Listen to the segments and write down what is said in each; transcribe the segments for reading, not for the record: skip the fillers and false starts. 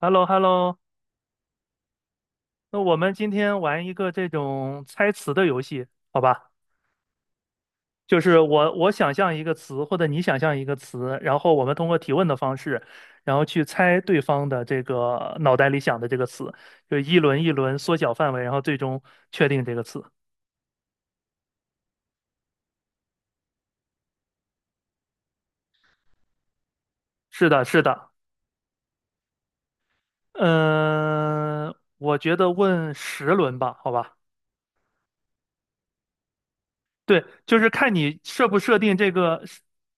h e l l o h e l l o。 那我们今天玩一个这种猜词的游戏，好吧？就是我想象一个词，或者你想象一个词，然后我们通过提问的方式，然后去猜对方的这个脑袋里想的这个词，就一轮一轮缩小范围，然后最终确定这个词。是的，是的。嗯、我觉得问十轮吧，好吧？对，就是看你设不设定这个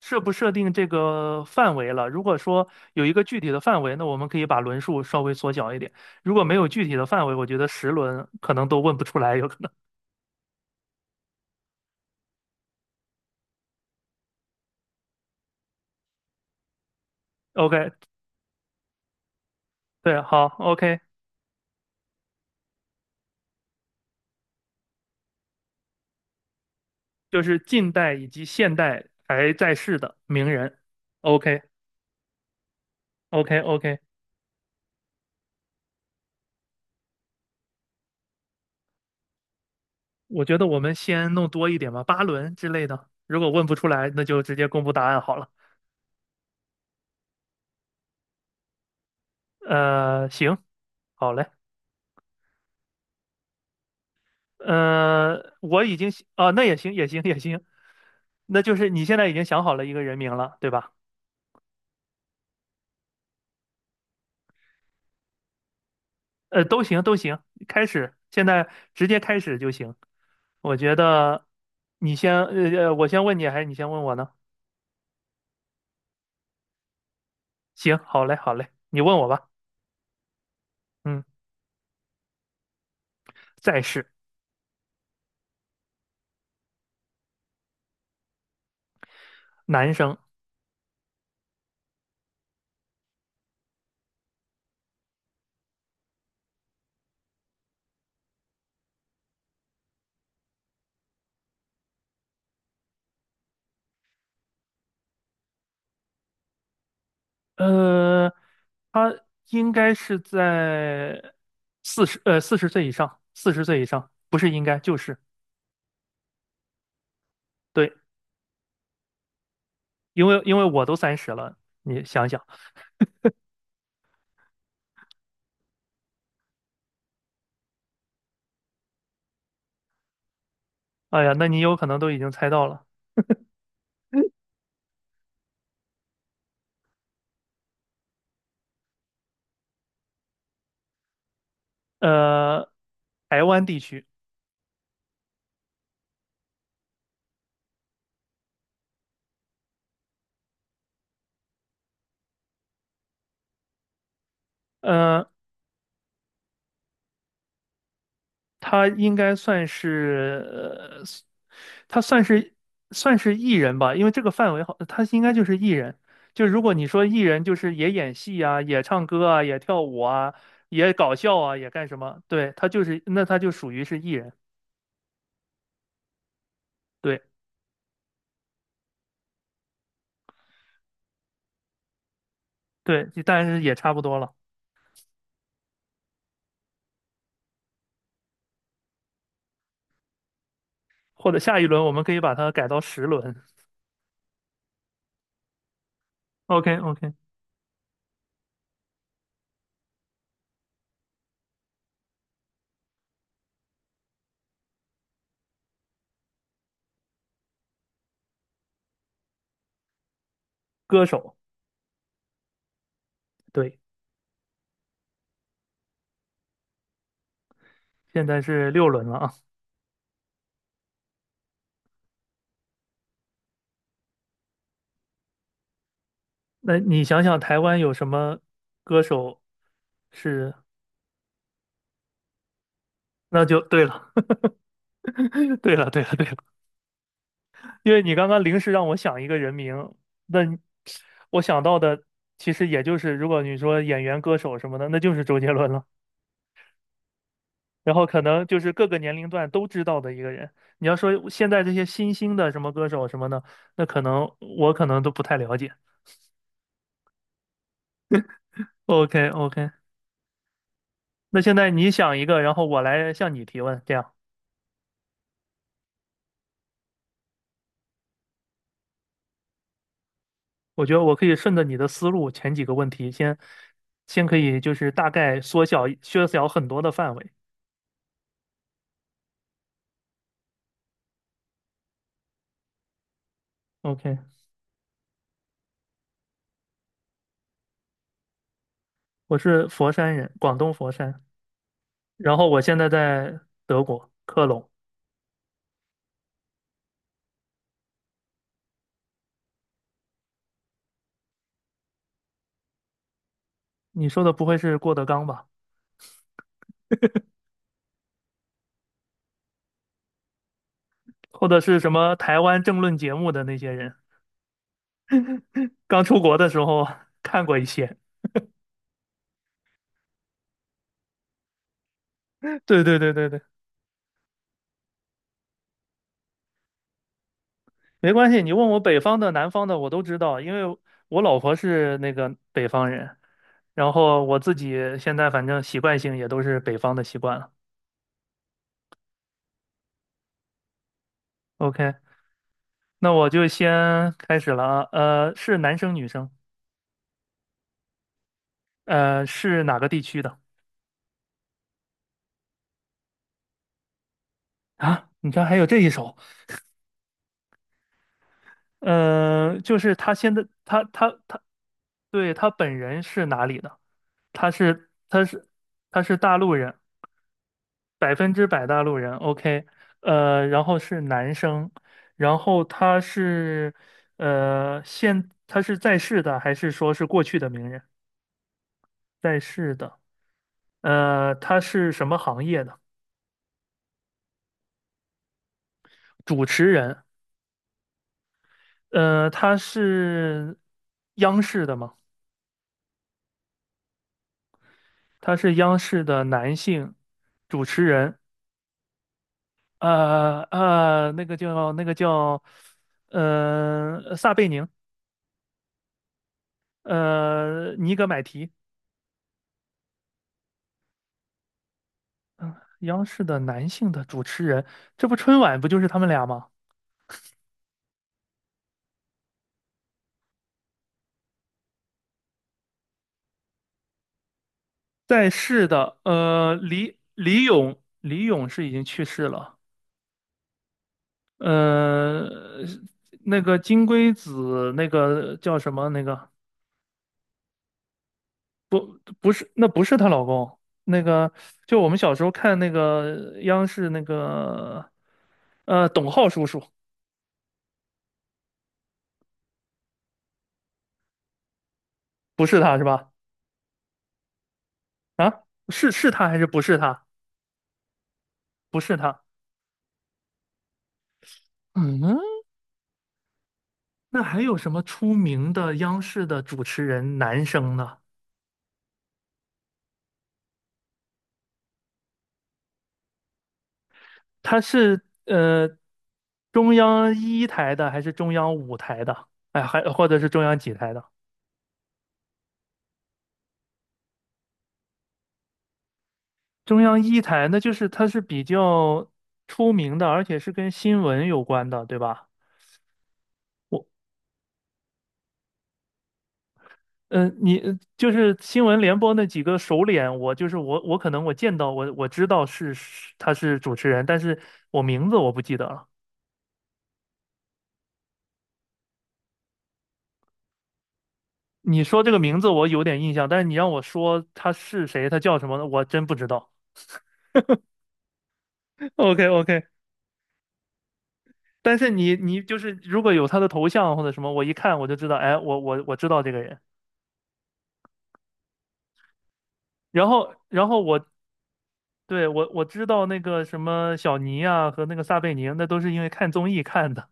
设不设定这个范围了。如果说有一个具体的范围，那我们可以把轮数稍微缩小一点。如果没有具体的范围，我觉得十轮可能都问不出来，有可能。OK。对，好，OK。就是近代以及现代还在世的名人。OK，OK，OK。我觉得我们先弄多一点吧，8轮之类的。如果问不出来，那就直接公布答案好了。行，好嘞。嗯、呃我已经啊、哦那也行，也行，也行。那就是你现在已经想好了一个人名了，对吧？都行，都行。开始，现在直接开始就行。我觉得我先问你，还是你先问我呢？行，好嘞，好嘞，你问我吧。嗯。再是。男生。呃，他应该是在四十岁以上，四十岁以上，不是应该就是对，因为我都30了，你想想。哎呀，那你有可能都已经猜到了。呃，台湾地区。呃，他应该算是，呃，他算是艺人吧，因为这个范围好，他应该就是艺人。就如果你说艺人，就是也演戏啊，也唱歌啊，也跳舞啊，也搞笑啊，也干什么？对，他就是，那他就属于是艺人。对对，但是也差不多了。或者下一轮我们可以把它改到十轮。OK OK。歌手。对，现在是6轮了啊。那你想想台湾有什么歌手是？那就对了，对了，对了，对了，因为你刚刚临时让我想一个人名，那你我想到的其实也就是，如果你说演员、歌手什么的，那就是周杰伦了。然后可能就是各个年龄段都知道的一个人。你要说现在这些新兴的什么歌手什么的，那可能我可能都不太了解。o k o k。 那现在你想一个，然后我来向你提问，这样。我觉得我可以顺着你的思路，前几个问题先可以就是大概缩小缩小很多的范围。OK，我是佛山人，广东佛山，然后我现在在德国科隆。你说的不会是郭德纲吧？或者是什么台湾政论节目的那些人？刚出国的时候 看过一些。对对对对对。没关系，你问我北方的、南方的，我都知道，因为我老婆是那个北方人，然后我自己现在反正习惯性也都是北方的习惯了。OK，那我就先开始了啊。是男生女生？是哪个地区的？啊，你这还有这一首。就是他现在他他他，对，他本人是哪里的？他是他是他是大陆人。百分之百大陆人，OK。然后是男生，然后他是在世的还是说是过去的名人？在世的。他是什么行业的？主持人。他是央视的吗？他是央视的男性主持人。那个叫撒贝宁，尼格买提。央视的男性的主持人，这不春晚不就是他们俩吗？在世的。李咏，李咏是已经去世了。呃，那个金龟子，那个叫什么？那个不是，那不是她老公，那个就我们小时候看那个央视那个，董浩叔叔，不是他是吧？是是他还是不是他？不是他。嗯，那还有什么出名的央视的主持人男生呢？他是中央一台的还是中央五台的？哎，还或者是中央几台的？中央一台那就是他是比较出名的，而且是跟新闻有关的，对吧？我你就是新闻联播那几个首脸，我可能见到我知道他是主持人，但是我名字我不记得了。你说这个名字我有点印象，但是你让我说他是谁，他叫什么，我真不知道。o k o k。 但是你就是如果有他的头像或者什么，我一看我就知道，哎，我知道这个人。然后对，我知道那个什么小尼啊和那个撒贝宁，那都是因为看综艺看的。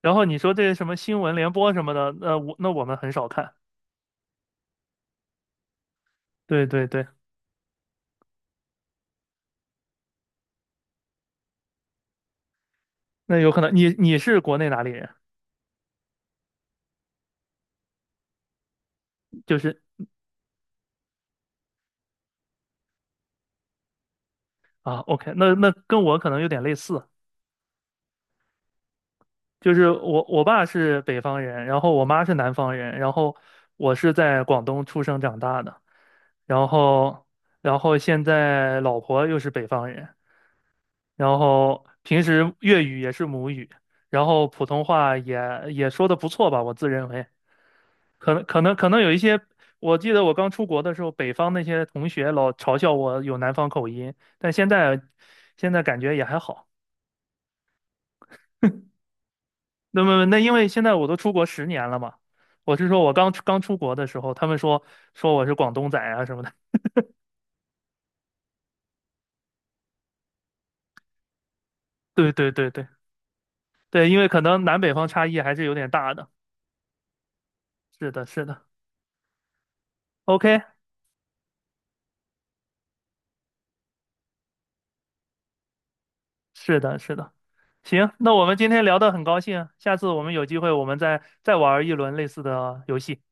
然后你说这些什么新闻联播什么的，那我们很少看。对对对。那有可能你是国内哪里人？就是啊，OK。那那跟我可能有点类似，就是我爸是北方人，然后我妈是南方人，然后我是在广东出生长大的。然后然后现在老婆又是北方人，然后平时粤语也是母语，然后普通话也说的不错吧，我自认为。可能有一些，我记得我刚出国的时候，北方那些同学老嘲笑我有南方口音，但现在感觉也还好。那么因为现在我都出国10年了嘛，我是说我刚刚出国的时候，他们说我是广东仔啊什么的，对对对对对，因为可能南北方差异还是有点大的。是的，是的，OK，是的，是的。行，那我们今天聊的很高兴啊，下次我们有机会我们再玩一轮类似的游戏。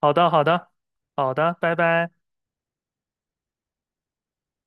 好的，好的，好的，拜拜。